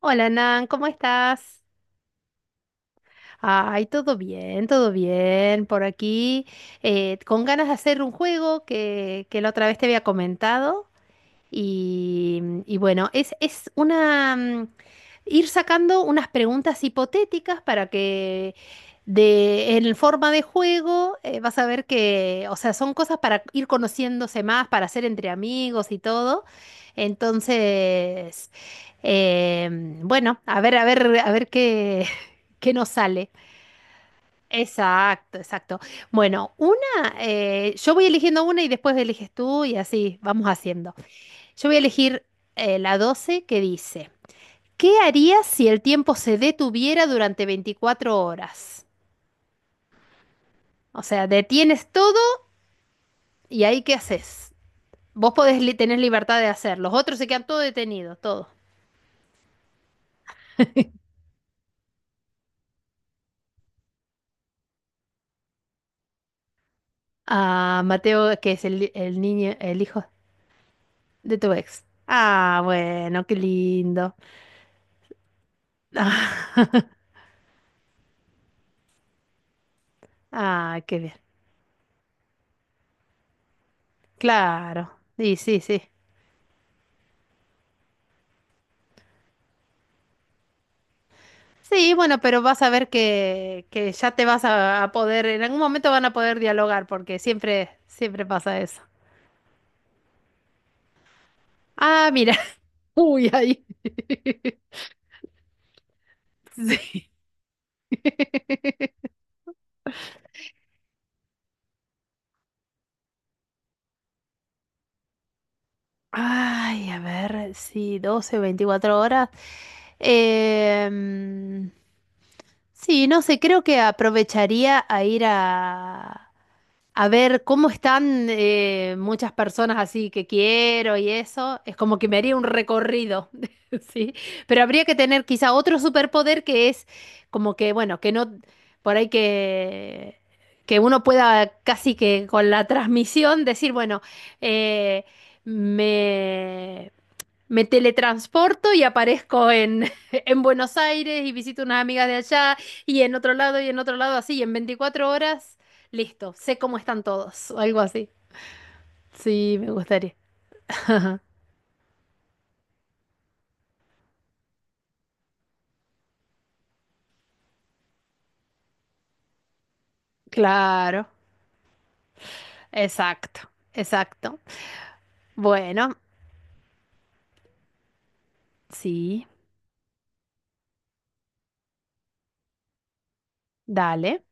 Hola Nan, ¿cómo estás? Ay, todo bien, todo bien. Por aquí, con ganas de hacer un juego que la otra vez te había comentado. Y bueno, es una ir sacando unas preguntas hipotéticas para que en forma de juego vas a ver que, o sea, son cosas para ir conociéndose más, para hacer entre amigos y todo. Entonces, eh, bueno, a ver, a ver, a ver qué, qué nos sale. Exacto, exacto. Bueno, yo voy eligiendo una y después eliges tú y así vamos haciendo. Yo voy a elegir la 12 que dice, ¿qué harías si el tiempo se detuviera durante 24 horas? O sea, detienes todo y ahí qué haces. Vos podés tener libertad de hacer, los otros se quedan todo detenido, todo. Ah, Mateo, que es el niño, el hijo de tu ex. Ah, bueno, qué lindo. Ah, ah, qué bien. Claro. Sí, sí, sí. Sí, bueno, pero vas a ver que ya te vas a poder, en algún momento van a poder dialogar, porque siempre, siempre pasa eso. Ah, mira. Uy, ahí. Sí. Ay, a ver, sí, 12, 24 horas. Em, sí, no sé, creo que aprovecharía a ir a ver cómo están muchas personas así que quiero y eso. Es como que me haría un recorrido, ¿sí? Pero habría que tener quizá otro superpoder que es como que, bueno, que no, por ahí que uno pueda casi que con la transmisión decir, bueno, eh, me, me teletransporto y aparezco en, en Buenos Aires y visito unas amigas de allá y en otro lado y en otro lado así, y en 24 horas, listo, sé cómo están todos o algo así. Sí, me gustaría. Claro, exacto, exacto. Bueno, sí, dale.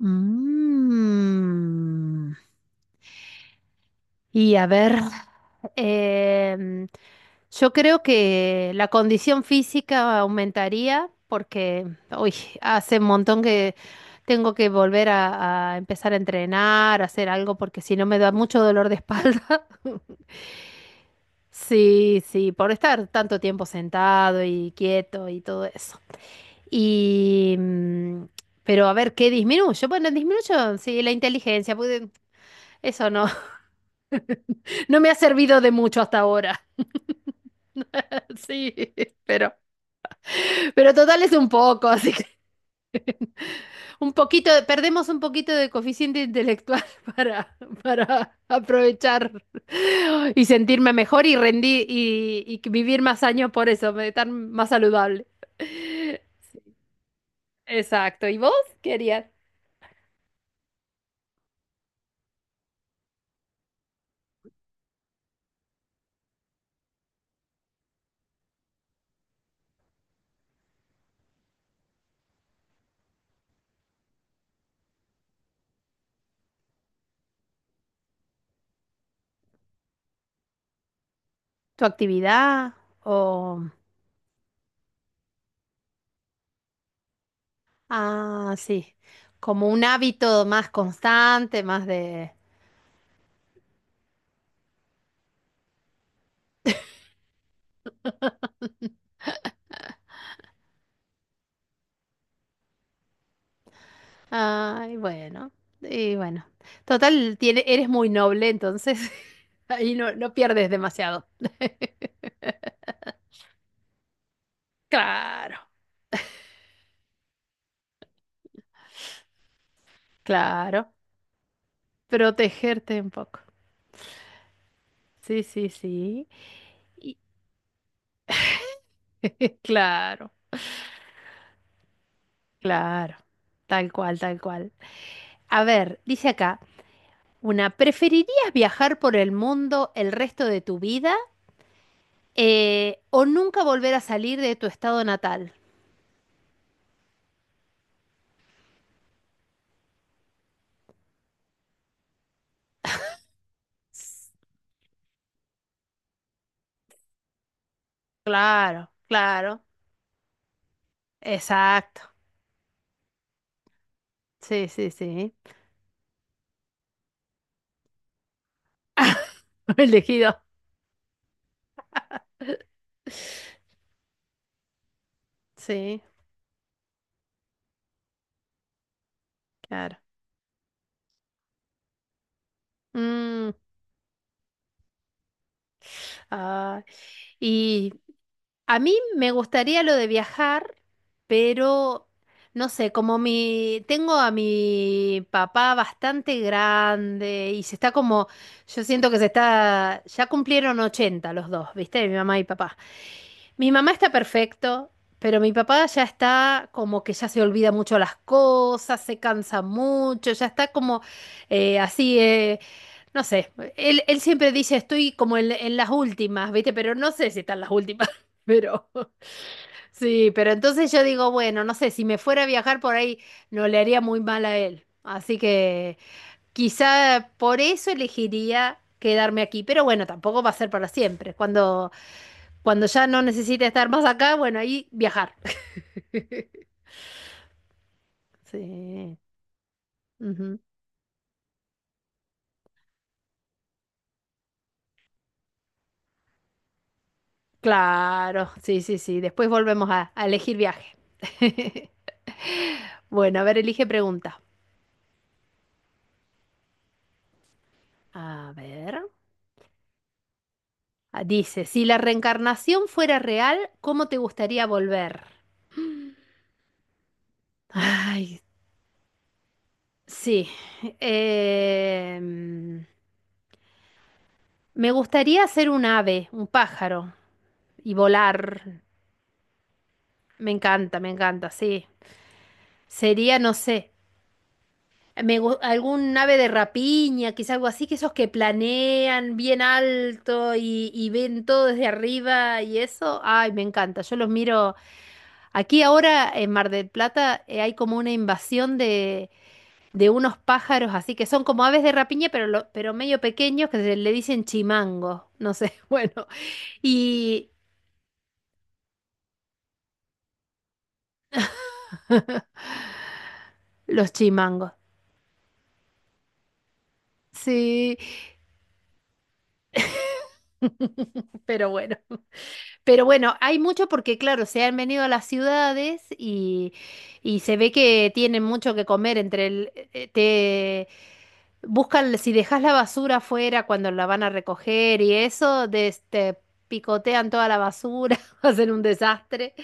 Mm. Y a ver, em, yo creo que la condición física aumentaría porque hoy hace un montón que tengo que volver a empezar a entrenar, a hacer algo, porque si no me da mucho dolor de espalda. Sí, sí, por estar tanto tiempo sentado y quieto y todo eso. Y, pero a ver, ¿qué disminuyo? Bueno, disminuyo, sí, la inteligencia, porque eso no, no me ha servido de mucho hasta ahora. Sí, pero, pero total es un poco, así que un poquito, perdemos un poquito de coeficiente intelectual para, para aprovechar y sentirme mejor y rendir y que vivir más años por eso, estar más saludable. Exacto. ¿Y vos querías tu actividad o ah, sí, como un hábito más constante, más de? Ay, bueno. Y bueno. Total, eres muy noble, entonces ahí no, no pierdes demasiado. Claro, claro. Protegerte un poco. Sí, sí, sí. Y- claro, claro. Tal cual, tal cual. A ver, dice acá, ¿preferirías viajar por el mundo el resto de tu vida o nunca volver a salir de tu estado natal? Claro, claro. Exacto. Sí, sí, sí. elegido. Sí, claro. Mm. Ah, y a mí me gustaría lo de viajar, pero no sé, como tengo a mi papá bastante grande y se está como, yo siento que se está, ya cumplieron 80 los dos, ¿viste? Mi mamá y papá. Mi mamá está perfecto, pero mi papá ya está como que ya se olvida mucho las cosas, se cansa mucho, ya está como así, no sé. Él siempre dice, estoy como en las últimas, ¿viste? Pero no sé si están las últimas. Pero sí, pero entonces yo digo, bueno, no sé, si me fuera a viajar por ahí, no le haría muy mal a él. Así que quizá por eso elegiría quedarme aquí, pero bueno, tampoco va a ser para siempre. Cuando ya no necesite estar más acá, bueno, ahí viajar. Sí. Ujú. Claro, sí, sí, sí. Después volvemos a elegir viaje. Bueno, a ver, elige pregunta. A ver. Ah, dice, si la reencarnación fuera real, ¿cómo te gustaría volver? Ay, sí. Em, Me gustaría ser un ave, un pájaro, y volar. Me encanta, sí. Sería, no sé, algún ave de rapiña, quizá algo así, que esos que planean bien alto y ven todo desde arriba y eso. Ay, me encanta. Yo los miro. Aquí ahora en Mar del Plata hay como una invasión de unos pájaros así que son como aves de rapiña, pero, pero medio pequeños que se le dicen chimango. No sé, bueno. Y los chimangos. Sí, pero bueno. Pero bueno, hay mucho porque, claro, se han venido a las ciudades y se ve que tienen mucho que comer entre Buscan, si dejas la basura afuera cuando la van a recoger y eso, de este, picotean toda la basura, hacen un desastre.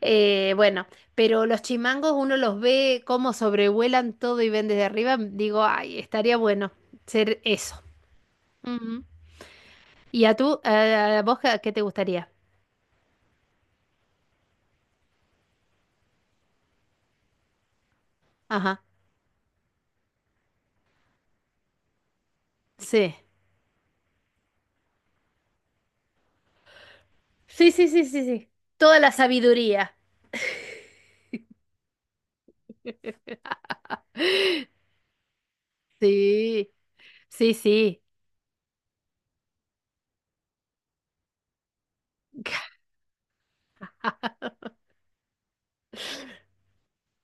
Bueno, pero los chimangos uno los ve cómo sobrevuelan todo y ven desde arriba. Digo, ay, estaría bueno ser eso. Ujú. ¿Y a tú, a vos qué te gustaría? Ajá, sí. Sí, sí, sí, sí, sí. Toda la sabiduría. Sí, sí, sí.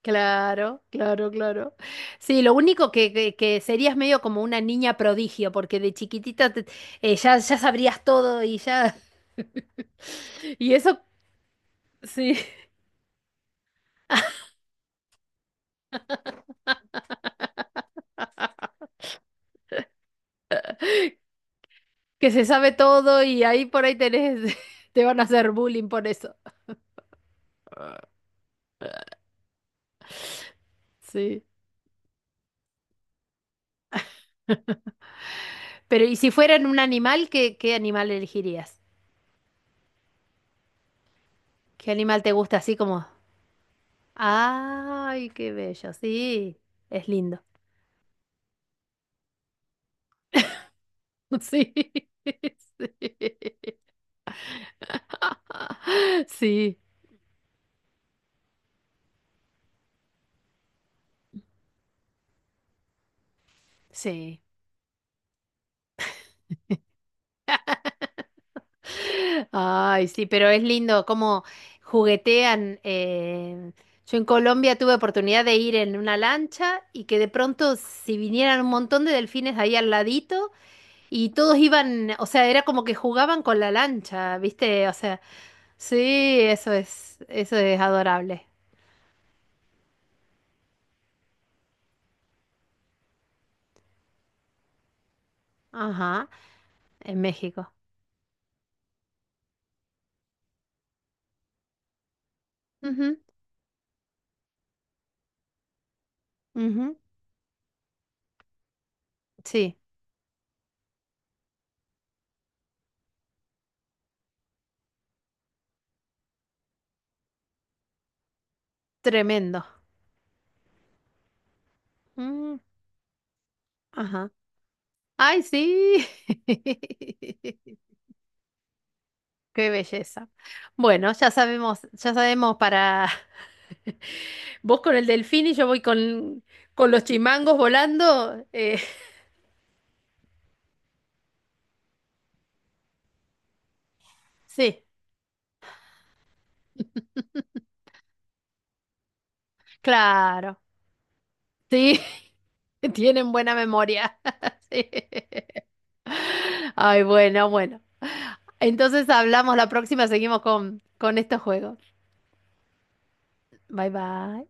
Claro, claro, claro. Sí, lo único que serías medio como una niña prodigio, porque de chiquitita ya sabrías todo y ya... Y eso, sí, que se sabe todo y ahí por ahí tenés, te van a hacer bullying por eso. Sí. Pero, ¿y si fueran un animal, qué animal elegirías? ¿Qué animal te gusta así como? Ay, qué bello, sí, es lindo. Sí, sí, sí. Ay, sí, pero es lindo cómo juguetean. Yo en Colombia tuve oportunidad de ir en una lancha y que de pronto si vinieran un montón de delfines ahí al ladito y todos iban, o sea, era como que jugaban con la lancha, ¿viste? O sea, sí, eso es adorable. Ajá, en México. Ujú, ujú. Sí, tremendo. Mm, ajá. Ay, sí. Qué belleza. Bueno, ya sabemos para vos con el delfín y yo voy con los chimangos volando. Sí, claro. Sí, tienen buena memoria. Sí. Ay, bueno, bueno. Entonces hablamos la próxima, seguimos con estos juegos. Bye bye.